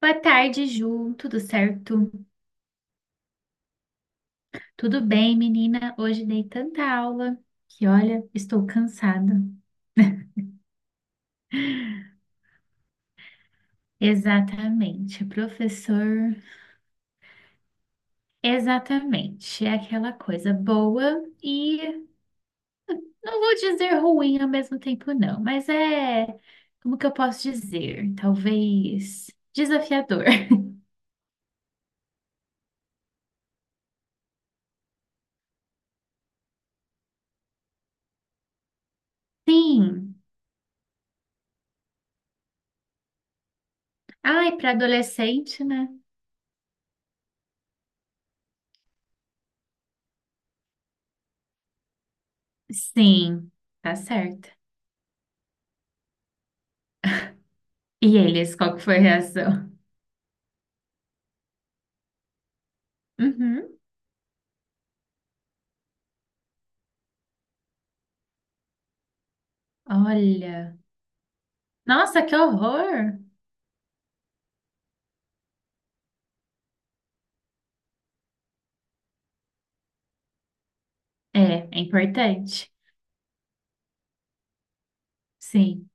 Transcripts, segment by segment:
Boa tarde, Ju. Tudo certo? Tudo bem, menina? Hoje dei tanta aula que, olha, estou cansada. Exatamente, professor. Exatamente. É aquela coisa boa e não vou dizer ruim ao mesmo tempo, não, mas é, como que eu posso dizer? Talvez desafiador. Sim. Ai, para adolescente, né? Sim, tá certo. E eles, qual que foi a reação? Uhum. Olha. Nossa, que horror! É, importante. Sim,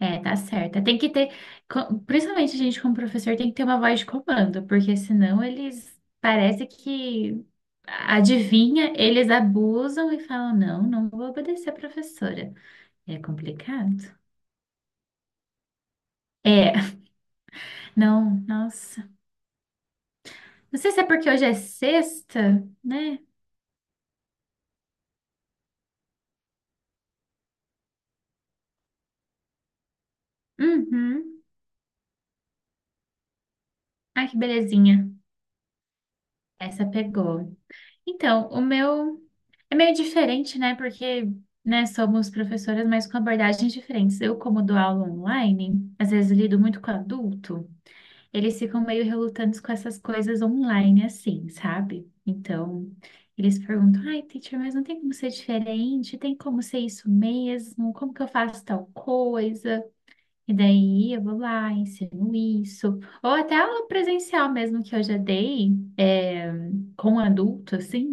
é, tá certo. Tem que ter, principalmente a gente como professor tem que ter uma voz de comando, porque senão eles parece que adivinha, eles abusam e falam, não, não vou obedecer a professora. É complicado. É, não, nossa. Não sei se é porque hoje é sexta, né? Uhum. Ai, que belezinha. Essa pegou. Então, o meu é meio diferente, né? Porque, né, somos professoras, mas com abordagens diferentes. Eu, como dou aula online, às vezes lido muito com adulto, eles ficam meio relutantes com essas coisas online, assim, sabe? Então, eles perguntam: ai, teacher, mas não tem como ser diferente? Tem como ser isso mesmo? Como que eu faço tal coisa? E daí eu vou lá, ensino isso. Ou até aula presencial mesmo que eu já dei, é, com adulto, assim.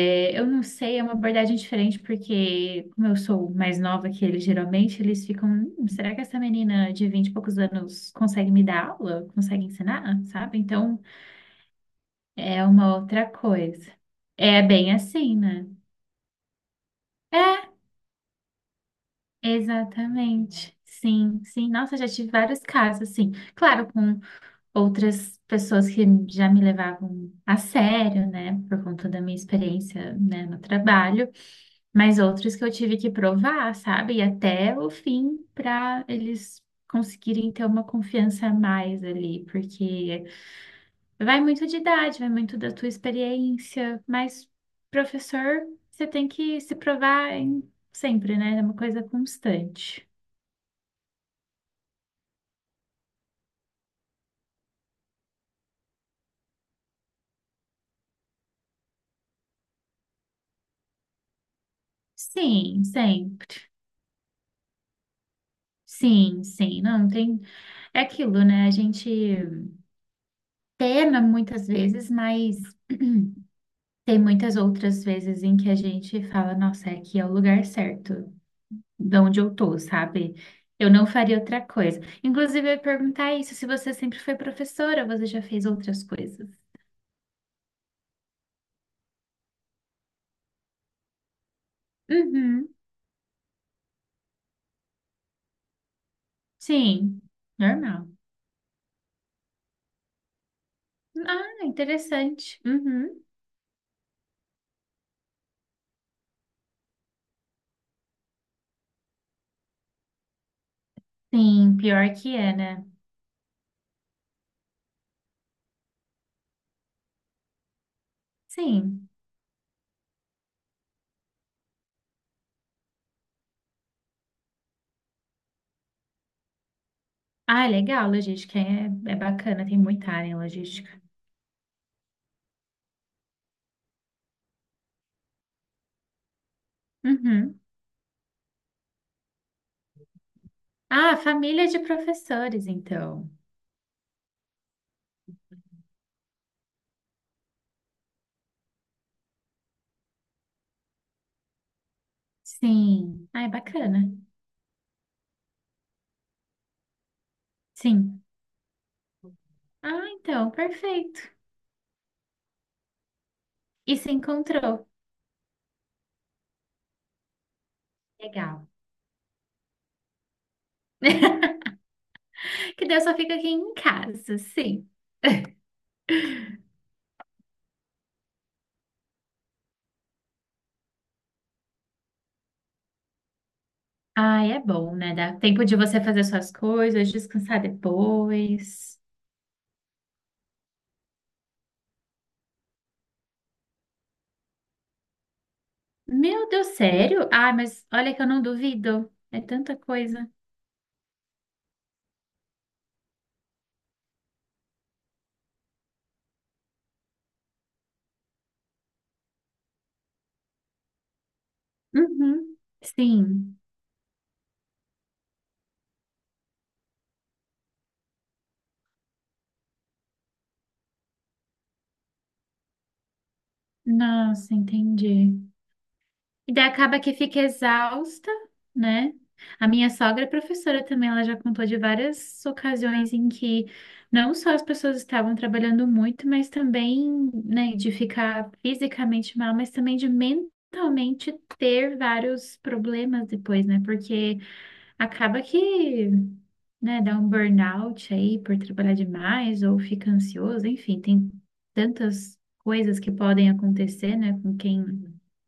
É, eu não sei, é uma abordagem diferente, porque como eu sou mais nova que eles, geralmente eles ficam, será que essa menina de 20 e poucos anos consegue me dar aula? Consegue ensinar? Sabe? Então é uma outra coisa. É bem assim, né? É, exatamente. Sim, sim. Nossa, já tive vários casos, assim. Claro, com outras pessoas que já me levavam a sério, né? Por conta da minha experiência, né, no trabalho. Mas outros que eu tive que provar, sabe? E até o fim para eles conseguirem ter uma confiança a mais ali, porque vai muito de idade, vai muito da tua experiência, mas professor, você tem que se provar sempre, né? É uma coisa constante. Sim, sempre. Sim, sim, não tem. É aquilo, né? A gente pena muitas vezes, mas tem muitas outras vezes em que a gente fala, nossa, é aqui é o lugar certo, de onde eu tô, sabe? Eu não faria outra coisa. Inclusive, eu ia perguntar isso, se você sempre foi professora, você já fez outras coisas? Uhum, sim, normal. Ah, interessante. Uhum. Sim, pior que é, né? Sim. Ah, é legal, logística é, é bacana, tem muita área em logística. Uhum. Ah, família de professores, então. Sim. Ah, é bacana. Sim. Ah, então, perfeito. E se encontrou. Legal. Que Deus só fica aqui em casa, sim. Ah, é bom, né? Dá tempo de você fazer suas coisas, descansar depois. Meu Deus, sério? Ah, mas olha que eu não duvido. É tanta coisa. Uhum. Sim. Nossa, entendi. E daí acaba que fica exausta, né? A minha sogra é professora também, ela já contou de várias ocasiões em que não só as pessoas estavam trabalhando muito, mas também, né, de ficar fisicamente mal, mas também de mentalmente ter vários problemas depois, né? Porque acaba que, né, dá um burnout aí por trabalhar demais ou fica ansioso, enfim, tem tantas coisas que podem acontecer, né, com quem,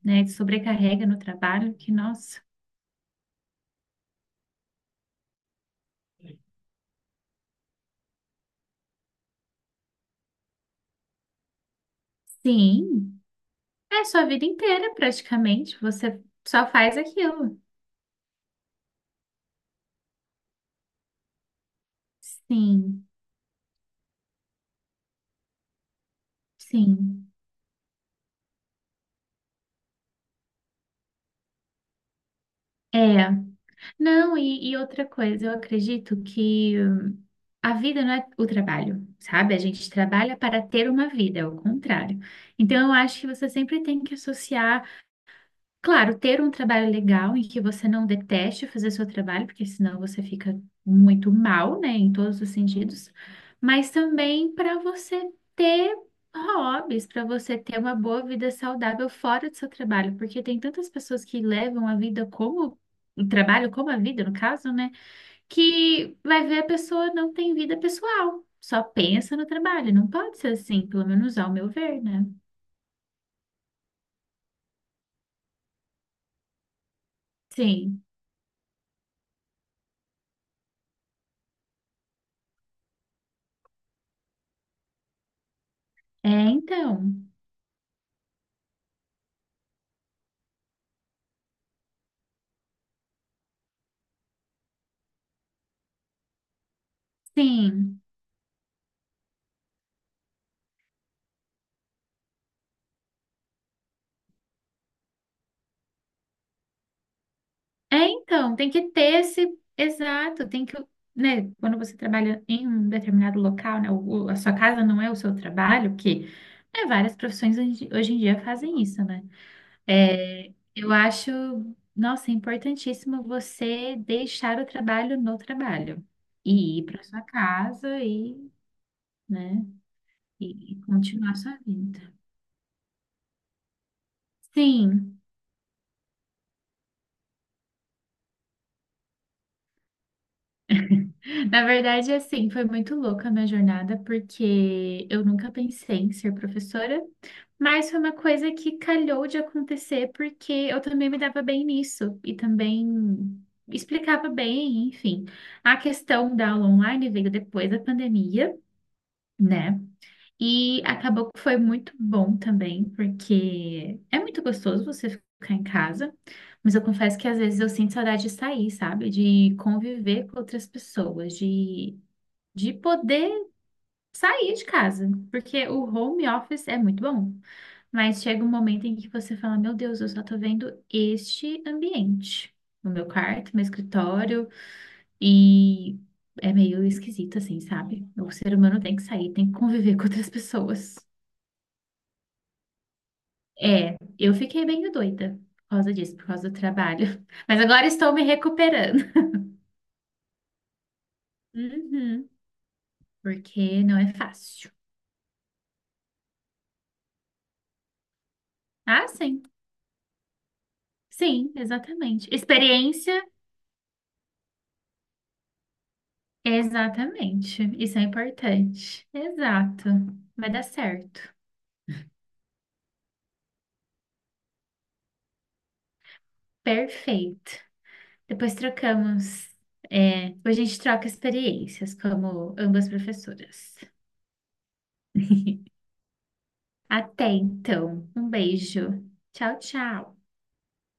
né, se sobrecarrega no trabalho que, nossa, sim, é sua vida inteira praticamente, você só faz aquilo. Sim, sim. É, não, e outra coisa, eu acredito que a vida não é o trabalho, sabe? A gente trabalha para ter uma vida, é o contrário. Então, eu acho que você sempre tem que associar. Claro, ter um trabalho legal em que você não deteste fazer seu trabalho, porque senão você fica muito mal, né, em todos os sentidos, mas também para você ter hobbies, para você ter uma boa vida saudável fora do seu trabalho, porque tem tantas pessoas que levam a vida como o trabalho, como a vida, no caso, né, que vai ver a pessoa não tem vida pessoal, só pensa no trabalho. Não pode ser assim, pelo menos ao meu ver, né? Sim. É, então. Sim. É, então, tem que ter esse, exato, tem que, né, quando você trabalha em um determinado local, né, a sua casa não é o seu trabalho, que, né, várias profissões hoje em dia fazem isso, né? É, eu acho, nossa, é importantíssimo você deixar o trabalho no trabalho e ir para sua casa e, né, e continuar sua vida. Sim, na verdade, assim, foi muito louca a minha jornada, porque eu nunca pensei em ser professora. Mas foi uma coisa que calhou de acontecer porque eu também me dava bem nisso e também explicava bem, enfim. A questão da aula online veio depois da pandemia, né? E acabou que foi muito bom também, porque é muito gostoso você ficar em casa, mas eu confesso que às vezes eu sinto saudade de sair, sabe? De conviver com outras pessoas, de poder sair de casa, porque o home office é muito bom. Mas chega um momento em que você fala, meu Deus, eu só tô vendo este ambiente. O meu quarto, meu escritório, e é meio esquisito, assim, sabe? O ser humano tem que sair, tem que conviver com outras pessoas. É, eu fiquei bem doida por causa disso, por causa do trabalho. Mas agora estou me recuperando. Uhum, porque não é fácil. Ah, sim. Sim, exatamente. Experiência, exatamente. Isso é importante. Exato. Vai dar certo. Perfeito. Depois trocamos. É, depois a gente troca experiências como ambas professoras. Até então. Um beijo. Tchau, tchau.